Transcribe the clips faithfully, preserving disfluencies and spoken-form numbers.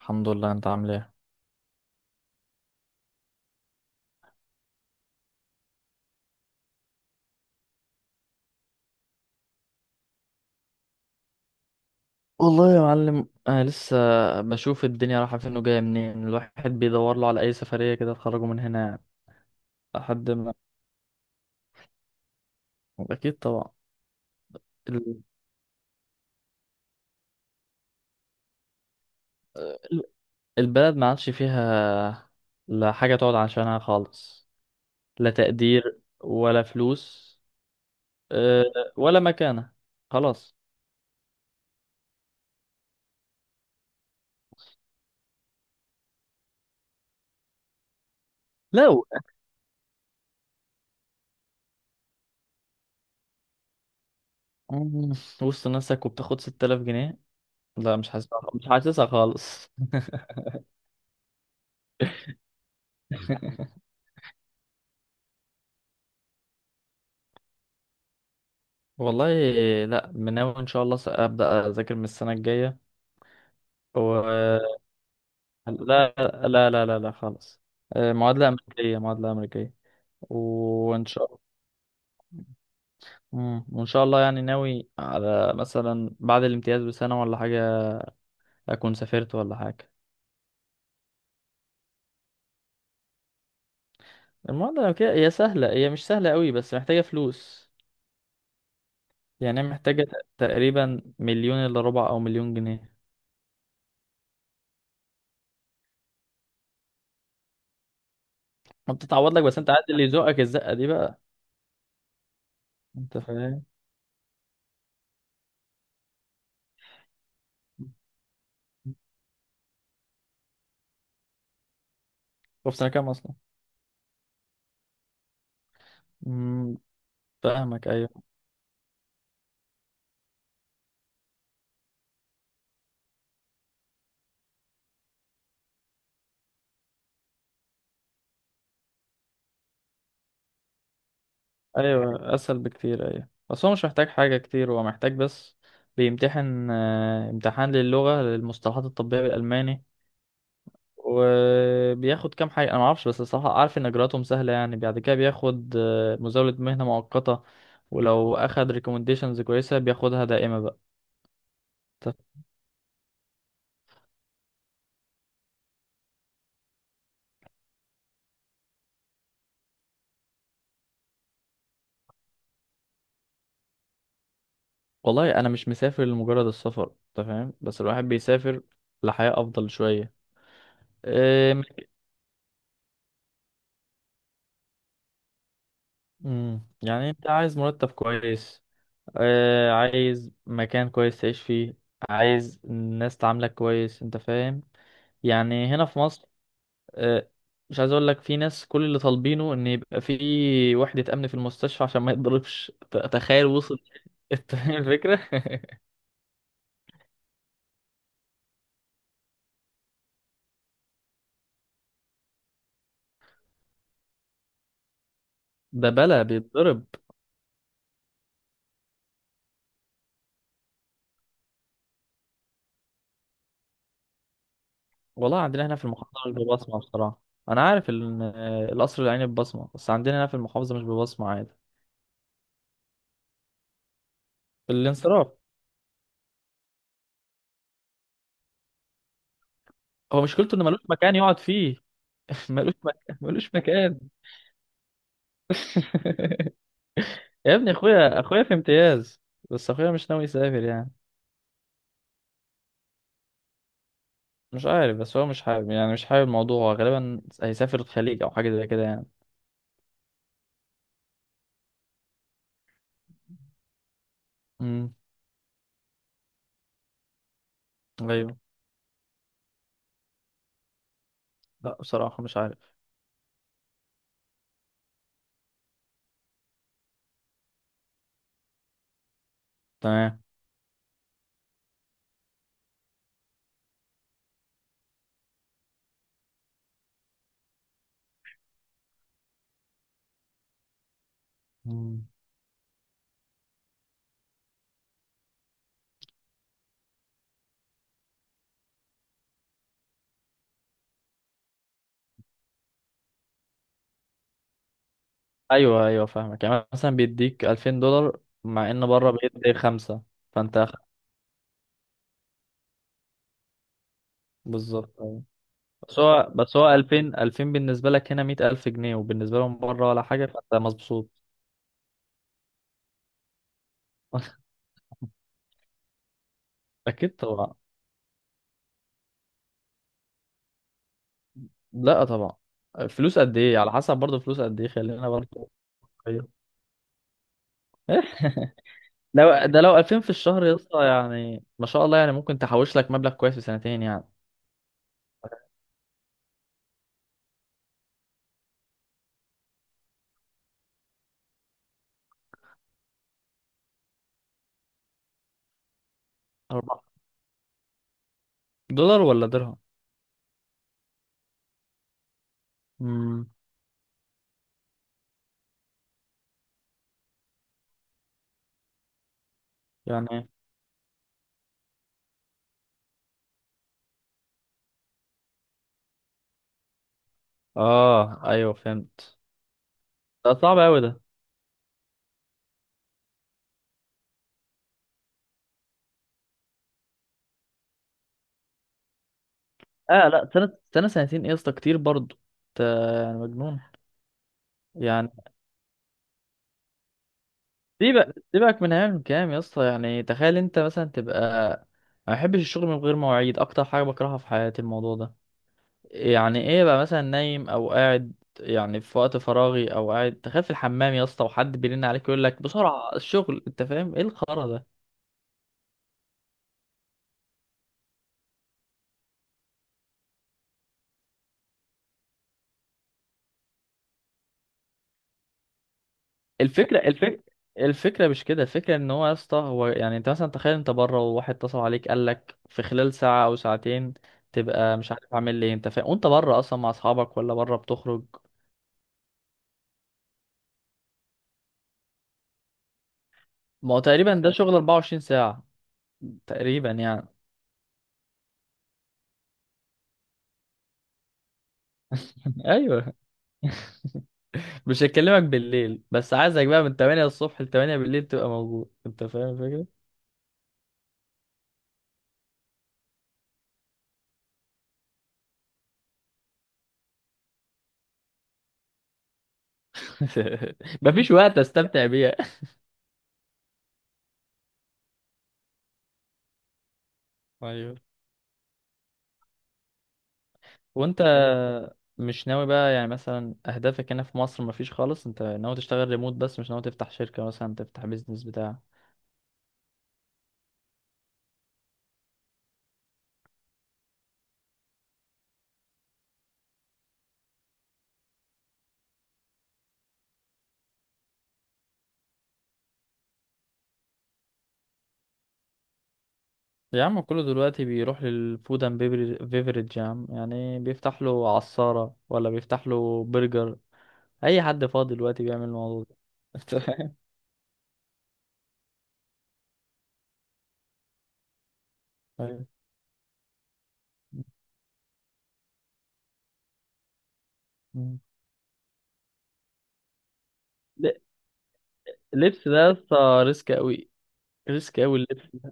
الحمد لله. انت عامل ايه؟ والله يا معلم انا لسه بشوف الدنيا رايحه فين وجايه منين، الواحد بيدور له على اي سفريه كده تخرجه من هنا يعني. لحد ما اكيد طبعا. ال- ال- البلد ما عادش فيها لا حاجه تقعد عشانها خالص، لا تقدير ولا فلوس، اه، ولا مكانه. خلاص. لو مم، وسط نفسك وبتاخد ستة آلاف جنيه، لا، مش حاسسها مش حاسسها خالص. والله لا، مناوي ان شاء الله س- ابدا اذاكر من السنه الجايه. و لا لا لا لا لا خالص. آه، معادله امريكيه معادله امريكيه وان شاء الله. مم. وان شاء الله يعني ناوي على مثلا بعد الامتياز بسنه ولا حاجه اكون سافرت ولا حاجه. المعادله الامريكيه هي سهله، هي مش سهله قوي، بس محتاجه فلوس. يعني هي محتاجه ت- تقريبا مليون الا ربع او مليون جنيه. ما بتتعوض لك، بس انت عارف اللي يزقك الزقه دي بقى. انت فاهم. هو في سنه كام اصلا؟ فاهمك. ايوه، ايوه اسهل بكتير، ايوه بس هو مش محتاج حاجه كتير، هو محتاج بس بيمتحن آه، امتحان للغه للمصطلحات الطبيه بالالماني. وبياخد كام حاجه انا ما اعرفش، بس الصراحه اعرف ان اجراءاتهم سهله. يعني بعد كده بياخد آه، مزاوله مهنه مؤقته، ولو اخد ريكومنديشنز كويسه بياخدها دائمه بقى. طب والله انا مش مسافر لمجرد السفر، انت فاهم، بس الواحد بيسافر لحياه افضل شويه. آه، مم، يعني انت عايز مرتب كويس، آه عايز مكان كويس تعيش فيه، عايز الناس تعاملك كويس، انت فاهم، يعني هنا في مصر. آه مش عايز اقول لك، في ناس كل اللي طالبينه ان يبقى في وحدة امن في المستشفى عشان ما يتضربش. ت- تخيل وصل. انت فاهم الفكرة. ده بلا بيتضرب. والله عندنا هنا في المحافظة مش ببصمة بصراحة. انا عارف ان آه، القصر العيني ببصمة، بس عندنا هنا في المحافظة مش ببصمة عادي. الانصراف. هو مشكلته انه ملوش مكان يقعد فيه. ملوش مكان، ملوش مكان. يا ابني اخويا، اخويا في امتياز بس اخويا مش ناوي يسافر يعني. مش عارف، بس هو مش حابب، يعني مش حابب الموضوع. هو غالبا هيسافر الخليج او حاجه زي كده يعني. امم. ايوه. لا بصراحه مش عارف. تمام. مم. ايوه، ايوه فاهمك. يعني مثلا بيديك الفين دولار مع ان بره بيدي خمسه. فانت خ- بالظبط أيوة. بس هو بس هو الفين الفين بالنسبه لك هنا مئة ألف جنيه وبالنسبه لهم بره ولا حاجه، فانت مبسوط. اكيد طبعا. لا طبعا. فلوس قد ايه؟ على حسب برضه، فلوس قد ايه، خلينا برضه. لو ده لو ألفين في الشهر يا اسطى، يعني ما شاء الله، يعني ممكن تحوش لك مبلغ كويس في سنتين يعني. أربعة دولار ولا درهم؟ امم. يعني إيه؟ اه، ايوه فهمت. ده صعب قوي ده. اه لا، سنة، سنة سنتين ايه يا اسطى، كتير برضه، انت يعني مجنون. يعني سيبك سيبك من عام كام يا اسطى، يعني تخيل انت مثلا تبقى، ما بحبش الشغل من غير مواعيد، اكتر حاجة بكرهها في حياتي الموضوع ده. يعني ايه بقى مثلا نايم او قاعد، يعني في وقت فراغي او قاعد، تخيل في الحمام يا اسطى، وحد بيرن عليك يقول لك بسرعه الشغل. انت فاهم ايه الخرا ده؟ الفكره الفكره الفكره مش كده، الفكره ان هو يا اسطى هو يعني انت مثلا تخيل انت بره، وواحد اتصل عليك قال لك في خلال ساعه او ساعتين، تبقى مش عارف اعمل ايه. انت فاهم، وانت بره اصلا مع اصحابك، ولا بره بتخرج. ما هو تقريبا ده شغل اربعه وعشرين ساعه تقريبا يعني. ايوه. مش هكلمك بالليل، بس عايزك بقى من تمانيه الصبح ل تمانيه بالليل تبقى موجود، انت فاهم الفكرة. مفيش وقت استمتع بيها. ايوه. وانت مش ناوي بقى، يعني مثلا اهدافك هنا في مصر مفيش خالص؟ انت ناوي تشتغل ريموت بس، مش ناوي تفتح شركة مثلا، تفتح بيزنس بتاع؟ يا عم كله دلوقتي بيروح للفود اند بيفرج يا عم، يعني بيفتح له عصارة ولا بيفتح له برجر. اي حد فاضي دلوقتي بيعمل الموضوع ده. انت فاهم. أيوة. اللبس ده يا اسطى ريسك قوي، ريسك قوي اللبس.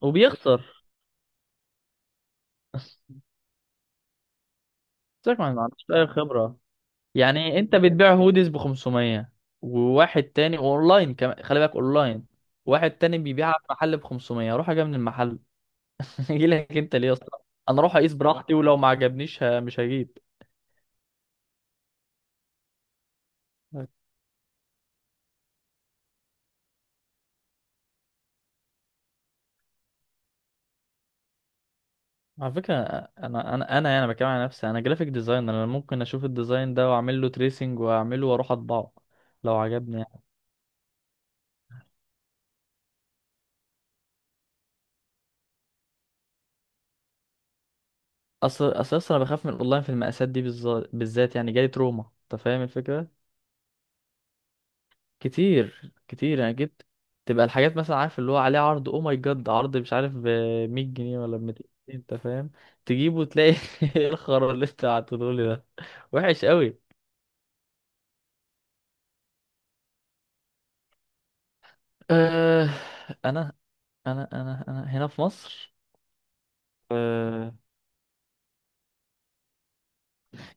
وبيخسر. سيبك من- ما عندوش اي خبره. يعني انت بتبيع هوديز ب خمسميه، وواحد تاني اونلاين كمان، خلي بالك اونلاين، واحد تاني بيبيعها في محل ب خمسمائة. روح اجيبها من المحل. اجي لك انت ليه يا اسطى؟ انا اروح اقيس براحتي، ولو ما عجبنيش ه- مش هجيب. على فكره، انا انا انا يعني بتكلم على نفسي انا، جرافيك ديزاينر. انا ممكن اشوف الديزاين ده واعمل له تريسنج، واعمله واروح اطبعه لو عجبني. اصل اصل اصل انا بخاف من الاونلاين، في المقاسات دي بالذ- بالذات، يعني جالي تروما انت فاهم الفكره. كتير كتير يعني جبت، تبقى الحاجات مثلا، عارف، اللي هو عليه عرض او ماي جاد، عرض مش عارف ب ميت جنيه ولا ب ميتين جنيه، انت فاهم. تجيبه وتلاقي ايه الخرا اللي انت بعته لي ده، وحش قوي. أه، انا انا انا انا هنا في مصر. أه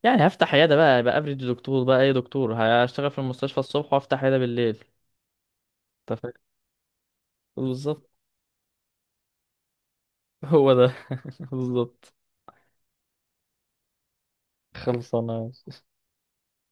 يعني هفتح عياده بقى، يبقى افريج دكتور بقى، اي دكتور. هشتغل في المستشفى الصبح وافتح عياده بالليل، انت فاهم. بالظبط. هو ده. بالظبط. خلصانة.